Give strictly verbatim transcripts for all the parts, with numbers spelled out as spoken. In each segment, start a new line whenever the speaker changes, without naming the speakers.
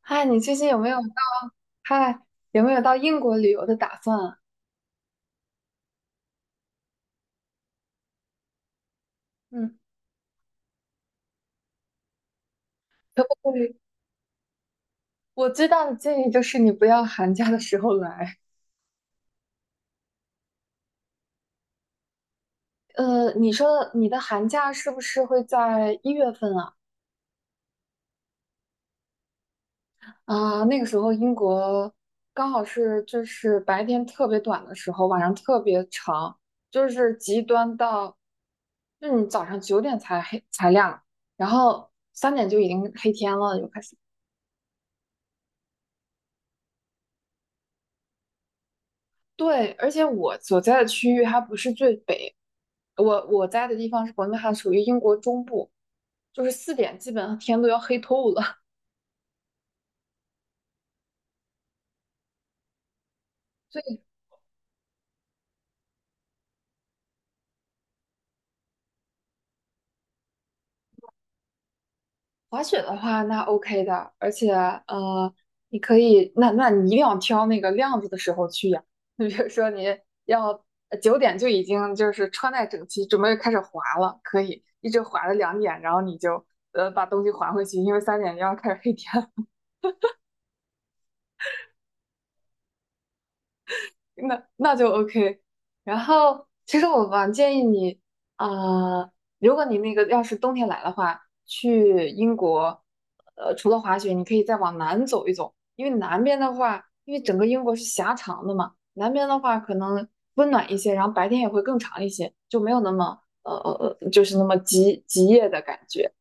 嗨，你最近有没有到嗨有没有到英国旅游的打算啊？嗯，可不可以？我最大的建议就是你不要寒假的时候来。呃，你说的你的寒假是不是会在一月份啊？啊，那个时候英国刚好是就是白天特别短的时候，晚上特别长，就是极端到，就是你早上九点才黑才亮，然后三点就已经黑天了，就开始。对，而且我所在的区域还不是最北，我我在的地方是伯明翰，属于英国中部，就是四点基本上天都要黑透了。所以滑雪的话，那 OK 的，而且呃，你可以，那那你一定要挑那个亮子的时候去呀。你比如说你要九点就已经就是穿戴整齐，准备开始滑了，可以一直滑到两点，然后你就呃把东西还回去，因为三点就要开始黑天那那就 OK。然后，其实我蛮建议你，啊、如果你那个要是冬天来的话，去英国，呃，除了滑雪，你可以再往南走一走，因为南边的话，因为整个英国是狭长的嘛，南边的话可能温暖一些，然后白天也会更长一些，就没有那么呃呃呃，就是那么极极夜的感觉。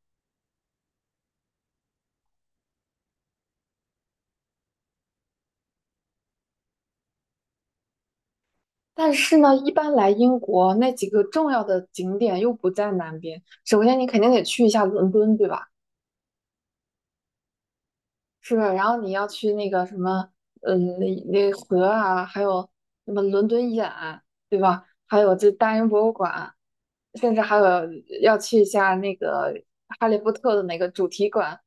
但是呢，一般来英国那几个重要的景点又不在南边，首先你肯定得去一下伦敦，对吧？是，然后你要去那个什么，呃，那河啊，还有什么伦敦眼，对吧？还有这大英博物馆，甚至还有要去一下那个《哈利波特》的那个主题馆。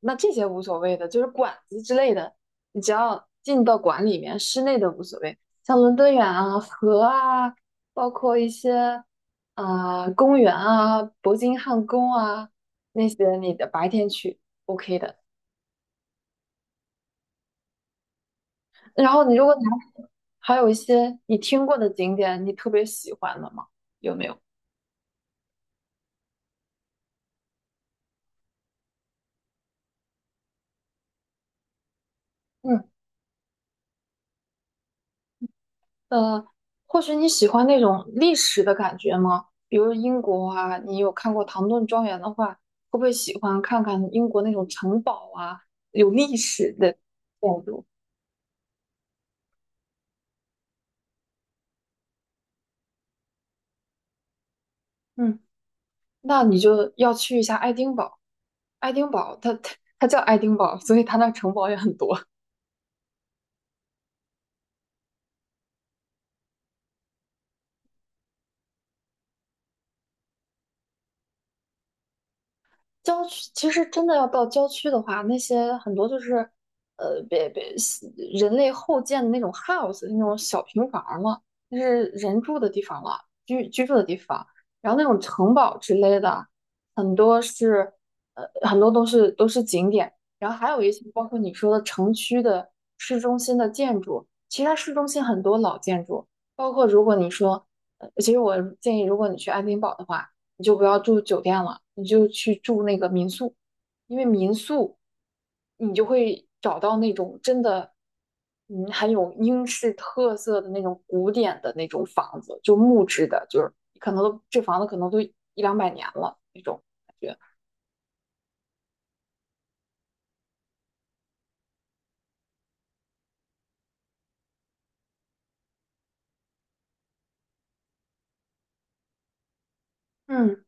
那这些无所谓的，就是馆子之类的，你只要进到馆里面，室内的无所谓。像伦敦眼啊、河啊，包括一些啊、公园啊、伯金汉宫啊那些，你的白天去 OK 的。然后你如果你还还有一些你听过的景点，你特别喜欢的吗？有没有？嗯。呃，或许你喜欢那种历史的感觉吗？比如英国啊，你有看过唐顿庄园的话，会不会喜欢看看英国那种城堡啊，有历史的建筑？嗯，那你就要去一下爱丁堡。爱丁堡，它它它叫爱丁堡，所以它那城堡也很多。郊区其实真的要到郊区的话，那些很多就是，呃，别别人类后建的那种 house，那种小平房嘛，了，那是人住的地方了，居居住的地方。然后那种城堡之类的，很多是，呃，很多都是都是景点。然后还有一些包括你说的城区的市中心的建筑，其实它市中心很多老建筑，包括如果你说，呃，其实我建议，如果你去爱丁堡的话。你就不要住酒店了，你就去住那个民宿，因为民宿你就会找到那种真的，嗯，很有英式特色的那种古典的那种房子，就木质的，就是可能都这房子可能都一两百年了那种感觉。嗯，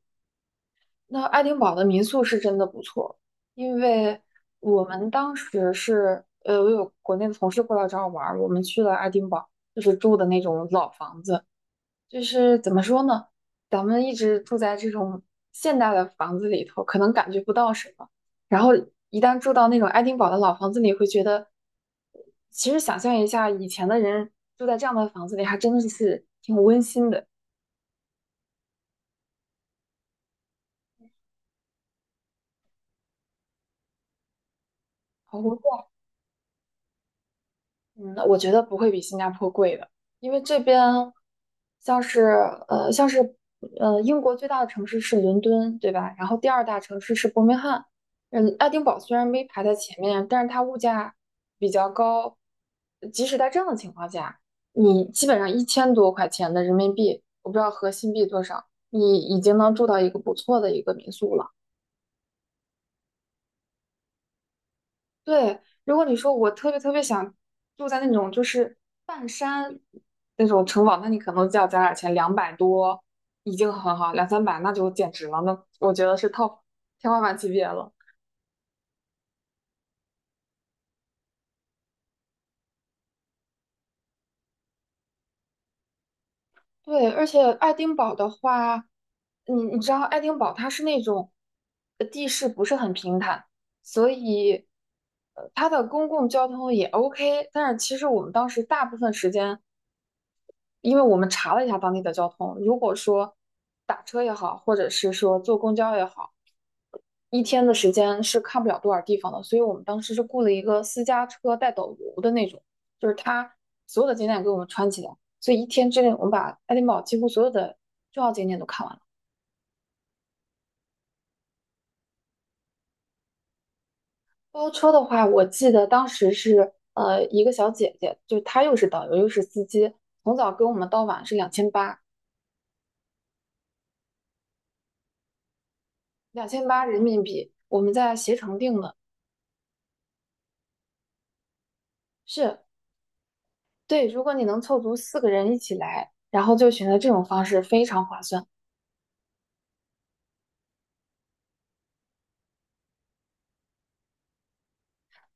那爱丁堡的民宿是真的不错，因为我们当时是，呃，我有国内的同事过来找我玩儿，我们去了爱丁堡，就是住的那种老房子。就是怎么说呢？咱们一直住在这种现代的房子里头，可能感觉不到什么。然后一旦住到那种爱丁堡的老房子里，会觉得，其实想象一下，以前的人住在这样的房子里，还真的是挺温馨的。好。我嗯，我觉得不会比新加坡贵的，因为这边像是呃像是呃英国最大的城市是伦敦，对吧？然后第二大城市是伯明翰，嗯，爱丁堡虽然没排在前面，但是它物价比较高，即使在这样的情况下，你基本上一千多块钱的人民币，我不知道合新币多少，你已经能住到一个不错的一个民宿了。对，如果你说我特别特别想住在那种就是半山那种城堡，那你可能就要攒点钱，两百多已经很好，两三百那就简直了，那我觉得是 top 天花板级别了。对，而且爱丁堡的话，你你知道爱丁堡它是那种呃地势不是很平坦，所以呃它的公共交通也 OK，但是其实我们当时大部分时间。因为我们查了一下当地的交通，如果说打车也好，或者是说坐公交也好，一天的时间是看不了多少地方的，所以我们当时是雇了一个私家车带导游的那种，就是他所有的景点给我们串起来，所以一天之内我们把爱丁堡几乎所有的重要景点都看完了。包车的话，我记得当时是呃一个小姐姐，就是她又是导游又是司机，从早跟我们到晚是两千八。两千八人民币，我们在携程订的。是。对，如果你能凑足四个人一起来，然后就选择这种方式，非常划算。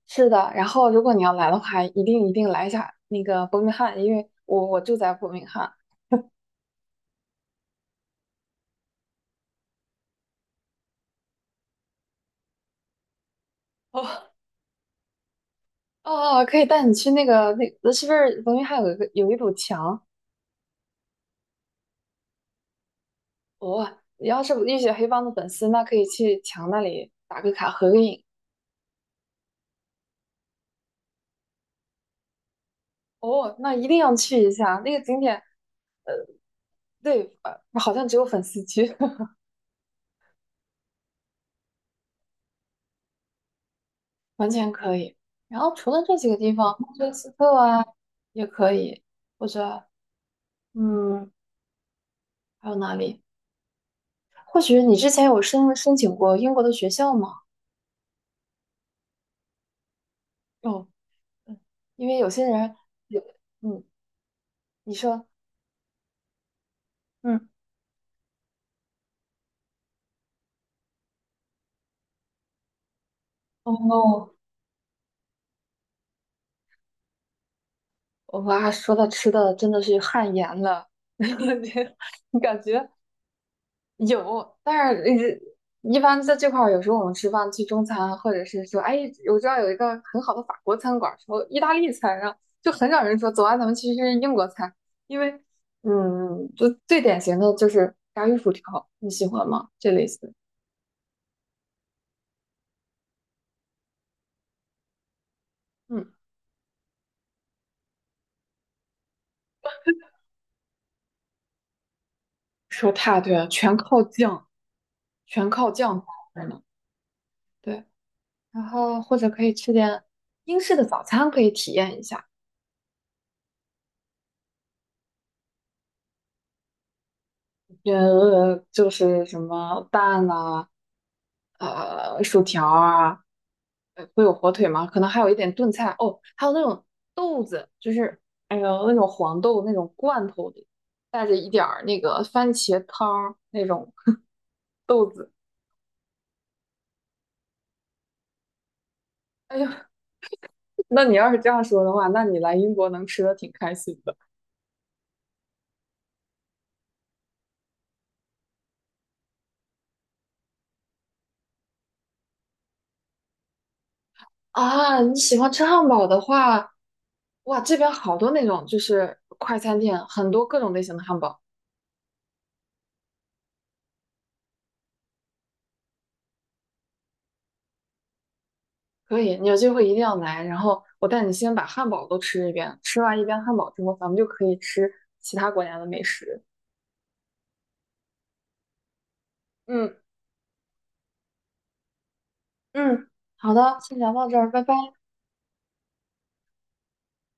是的，然后如果你要来的话，一定一定来一下那个伯明翰，因为我我住在伯明翰。哦哦，哦，可以带你去那个那个是不是伯明翰有一个有一堵墙？哦，你要是浴血黑帮的粉丝，那可以去墙那里打个卡合个影。哦，那一定要去一下那个景点。对，呃，好像只有粉丝去。完全可以。然后除了这几个地方，曼彻斯特啊也可以，或者嗯，还有哪里？或许你之前有申申请过英国的学校吗？哦，嗯，因为有些人有，嗯，你说，嗯，哦，no。哇，说到吃的真的是汗颜了，你感觉？有，但是呃一般在这块儿，有时候我们吃饭去中餐，或者是说，哎，我知道有一个很好的法国餐馆儿，说意大利餐，啊，就很少人说，走啊，咱们去吃英国餐，因为，嗯，就最典型的就是炸鱼薯条，你喜欢吗？这类似。嗯，说太对了，全靠酱，全靠酱搭配呢。对，然后或者可以吃点英式的早餐，可以体验一下。呃，就是什么蛋呐、呃薯条啊，呃会有火腿吗？可能还有一点炖菜哦，还有那种豆子，就是哎呦那种黄豆那种罐头里带着一点儿那个番茄汤儿那种 豆子。哎呦，那你要是这样说的话，那你来英国能吃的挺开心的啊。你喜欢吃汉堡的话，哇，这边好多那种就是快餐店，很多各种类型的汉堡。可以，你有机会一定要来。然后我带你先把汉堡都吃一遍，吃完一遍汉堡之后，咱们就可以吃其他国家的美食。嗯，嗯，好的，先聊到这儿，拜拜。